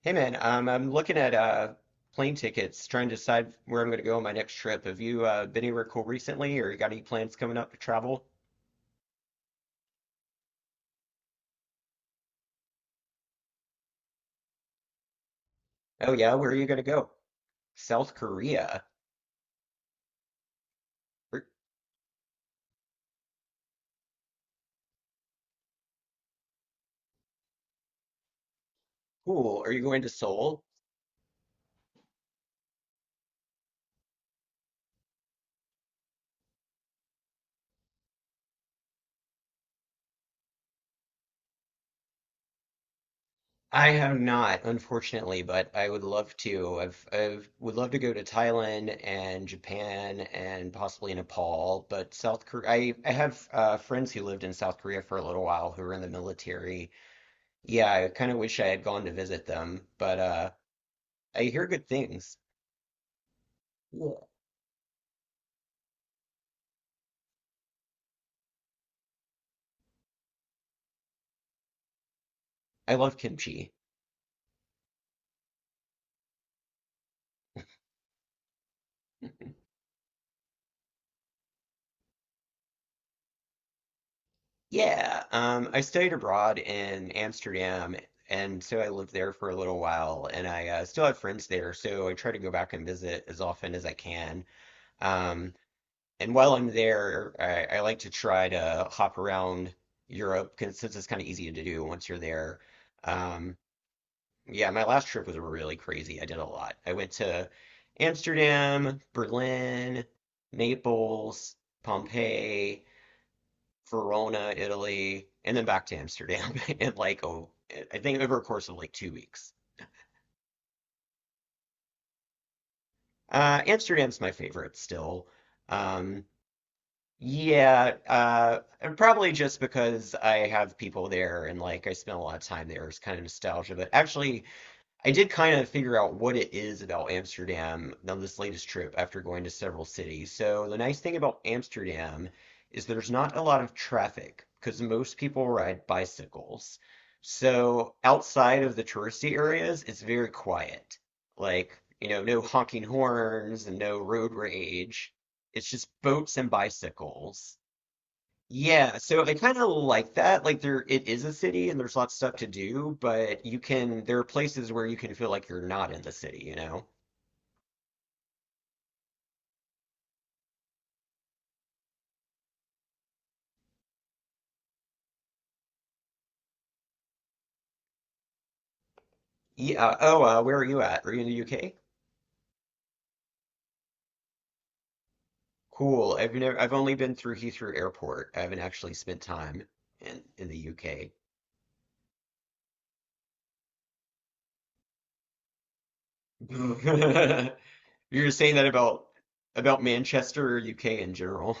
Hey man, I'm looking at plane tickets, trying to decide where I'm going to go on my next trip. Have you been anywhere cool recently, or you got any plans coming up to travel? Oh yeah, where are you going to go? South Korea. Ver- Cool. Are you going to Seoul? I have not, unfortunately, but I would love to. I've would love to go to Thailand and Japan and possibly Nepal, but South Korea. I have friends who lived in South Korea for a little while who were in the military. Yeah, I kind of wish I had gone to visit them, but I hear good things. Yeah. I love kimchi. Yeah, I studied abroad in Amsterdam, and so I lived there for a little while, and I still have friends there, so I try to go back and visit as often as I can. Um, and while I'm there, I like to try to hop around Europe because it's kind of easy to do once you're there. Um, Yeah, my last trip was really crazy. I did a lot. I went to Amsterdam, Berlin, Naples, Pompeii, Verona, Italy, and then back to Amsterdam in like I think over a course of like 2 weeks. Amsterdam's my favorite still. Um, yeah, and probably just because I have people there and like I spent a lot of time there. It's kind of nostalgia, but actually. I did kind of figure out what it is about Amsterdam on this latest trip after going to several cities. So the nice thing about Amsterdam is there's not a lot of traffic because most people ride bicycles. So outside of the touristy areas, it's very quiet. Like, you know, no honking horns and no road rage. It's just boats and bicycles. Yeah, so I kind of like that. Like there, it is a city, and there's lots of stuff to do, but you can. There are places where you can feel like you're not in the city. You know? Yeah. Oh, where are you at? Are you in the UK? Cool. I've never. I've only been through Heathrow Airport. I haven't actually spent time in the UK. You're saying that about Manchester or UK in general?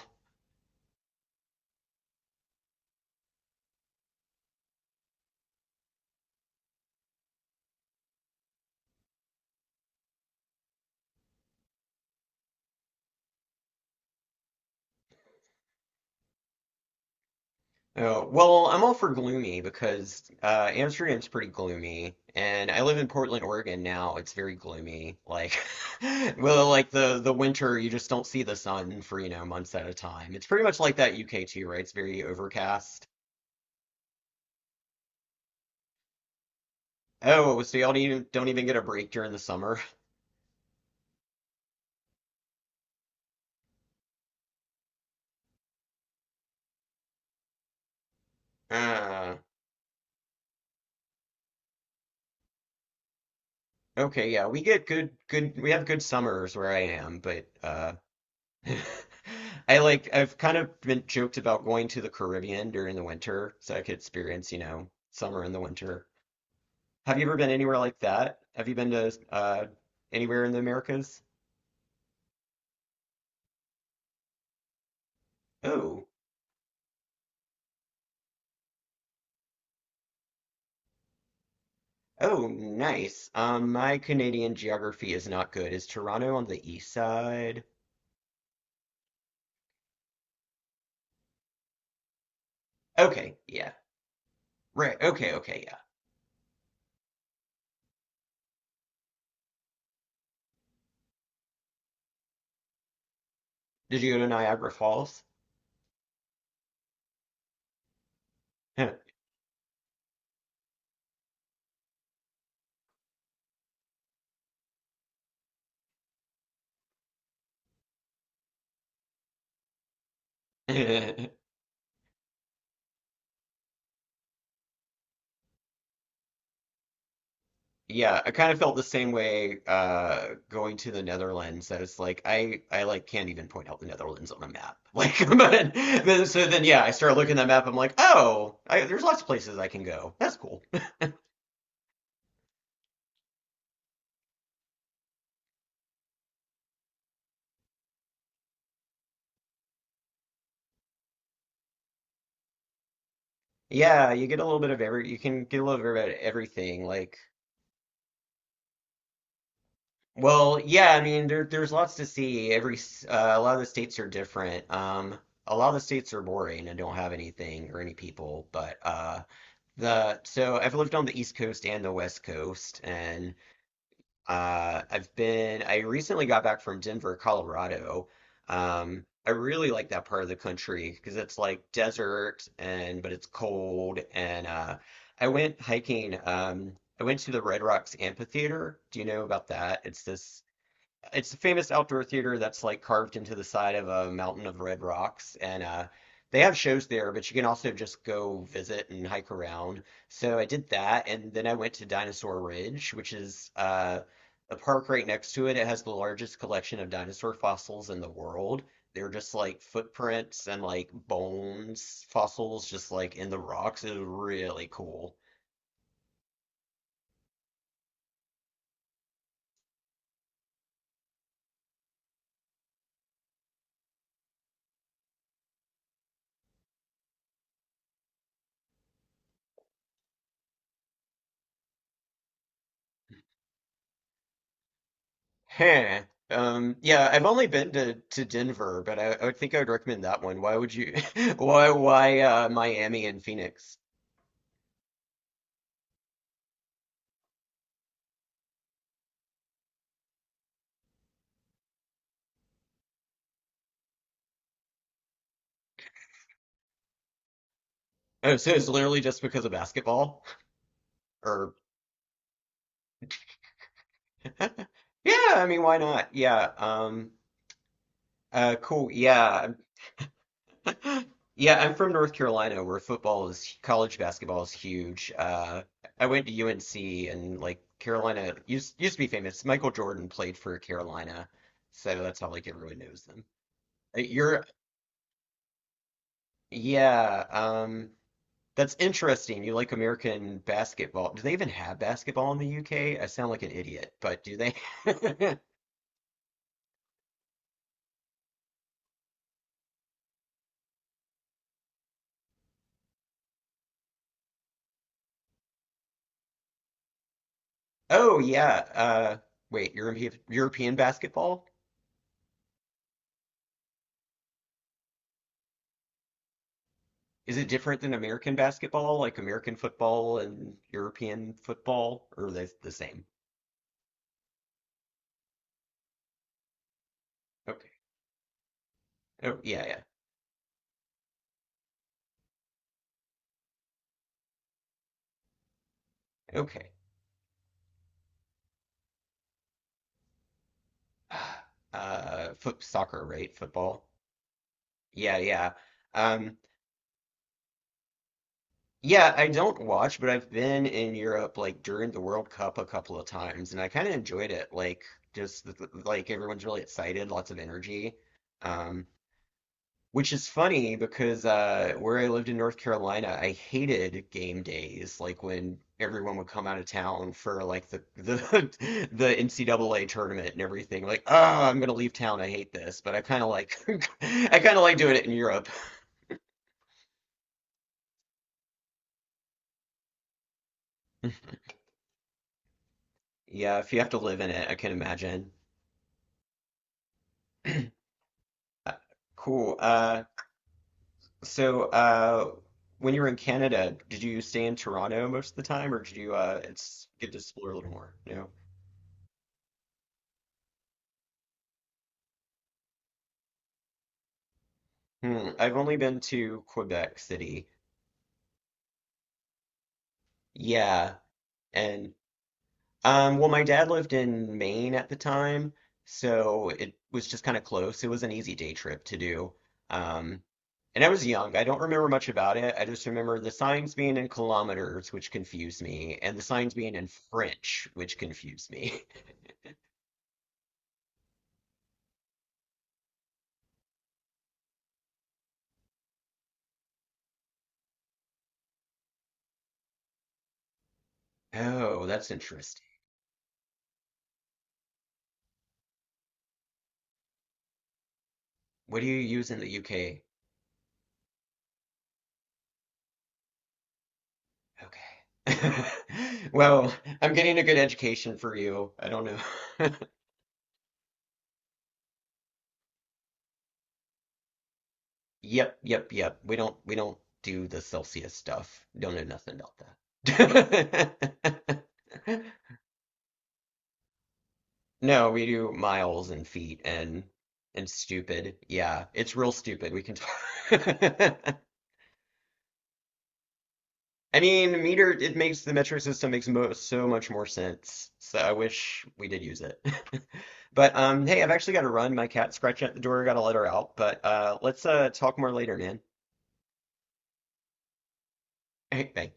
Oh, well, I'm all for gloomy because Amsterdam's pretty gloomy, and I live in Portland, Oregon now. It's very gloomy. Like, well, like the winter, you just don't see the sun for, you know, months at a time. It's pretty much like that UK too, right? It's very overcast. Oh, so y'all don't even get a break during the summer? Uh, okay, yeah, we get good we have good summers where I am, but I like I've kind of been joked about going to the Caribbean during the winter so I could experience, you know, summer in the winter. Have you ever been anywhere like that? Have you been to anywhere in the Americas? Oh, oh, nice. My Canadian geography is not good. Is Toronto on the east side? Okay, yeah. Right. Okay, okay, yeah. Did you go to Niagara Falls? Yeah, I kind of felt the same way going to the Netherlands that it's like I like can't even point out the Netherlands on a map. Like but then, so then yeah, I start looking at the map, I'm like, "Oh, I, there's lots of places I can go. That's cool." Yeah, you get a little bit of every you can get a little bit of everything like well, yeah, I mean there's lots to see. Every a lot of the states are different. A lot of the states are boring and don't have anything or any people, but the so I've lived on the East Coast and the West Coast, and I recently got back from Denver, Colorado. I really like that part of the country because it's like desert and but it's cold and I went hiking. I went to the Red Rocks Amphitheater. Do you know about that? It's this it's a famous outdoor theater that's like carved into the side of a mountain of red rocks and they have shows there but you can also just go visit and hike around so I did that and then I went to Dinosaur Ridge which is a park right next to it. It has the largest collection of dinosaur fossils in the world. They're just like footprints and like bones fossils just like in the rocks. It was really cool. Huh. Yeah, I've only been to Denver, but I would think I would recommend that one. Why would you? Why Miami and Phoenix? Oh, so it's literally just because of basketball? Or yeah, I mean, why not? Yeah. Cool. Yeah. Yeah. I'm from North Carolina, where football is college basketball is huge. I went to UNC, and like Carolina used to be famous. Michael Jordan played for Carolina, so that's how like everyone knows them. You're Yeah, that's interesting. You like American basketball. Do they even have basketball in the UK? I sound like an idiot, but do they? Oh yeah. Wait, European basketball? Is it different than American basketball, like American football and European football, or are they the same? Okay. Oh yeah, yeah. Okay. Foot soccer, right? Football. Yeah, yeah. Um, yeah, I don't watch, but I've been in Europe like during the World Cup a couple of times, and I kind of enjoyed it. Like just like everyone's really excited, lots of energy, um, which is funny because where I lived in North Carolina, I hated game days, like when everyone would come out of town for like the the NCAA tournament and everything. Like, oh, I'm gonna leave town. I hate this, but I kind of like I kind of like doing it in Europe. Yeah, if you have to live in it, I can imagine. Uh, Cool. So when you were in Canada, did you stay in Toronto most of the time, or did you? It's good to explore a little more. No. Hmm. I've only been to Quebec City. Yeah, and well, my dad lived in Maine at the time, so it was just kind of close. It was an easy day trip to do. Um, and I was young. I don't remember much about it. I just remember the signs being in kilometers, which confused me, and the signs being in French, which confused me. Oh, that's interesting. What do you use in the UK? Okay. Well, I'm getting a good education for you. I don't know. Yep, yep, yep. We don't do the Celsius stuff. Don't know nothing about that. No, we do miles and feet and stupid. Yeah, it's real stupid. We can talk. I mean, it makes the metric system makes mo so much more sense. So I wish we did use it. But hey, I've actually got to run. My cat's scratching at the door. Got to let her out. But let's talk more later, man. Hey, thanks.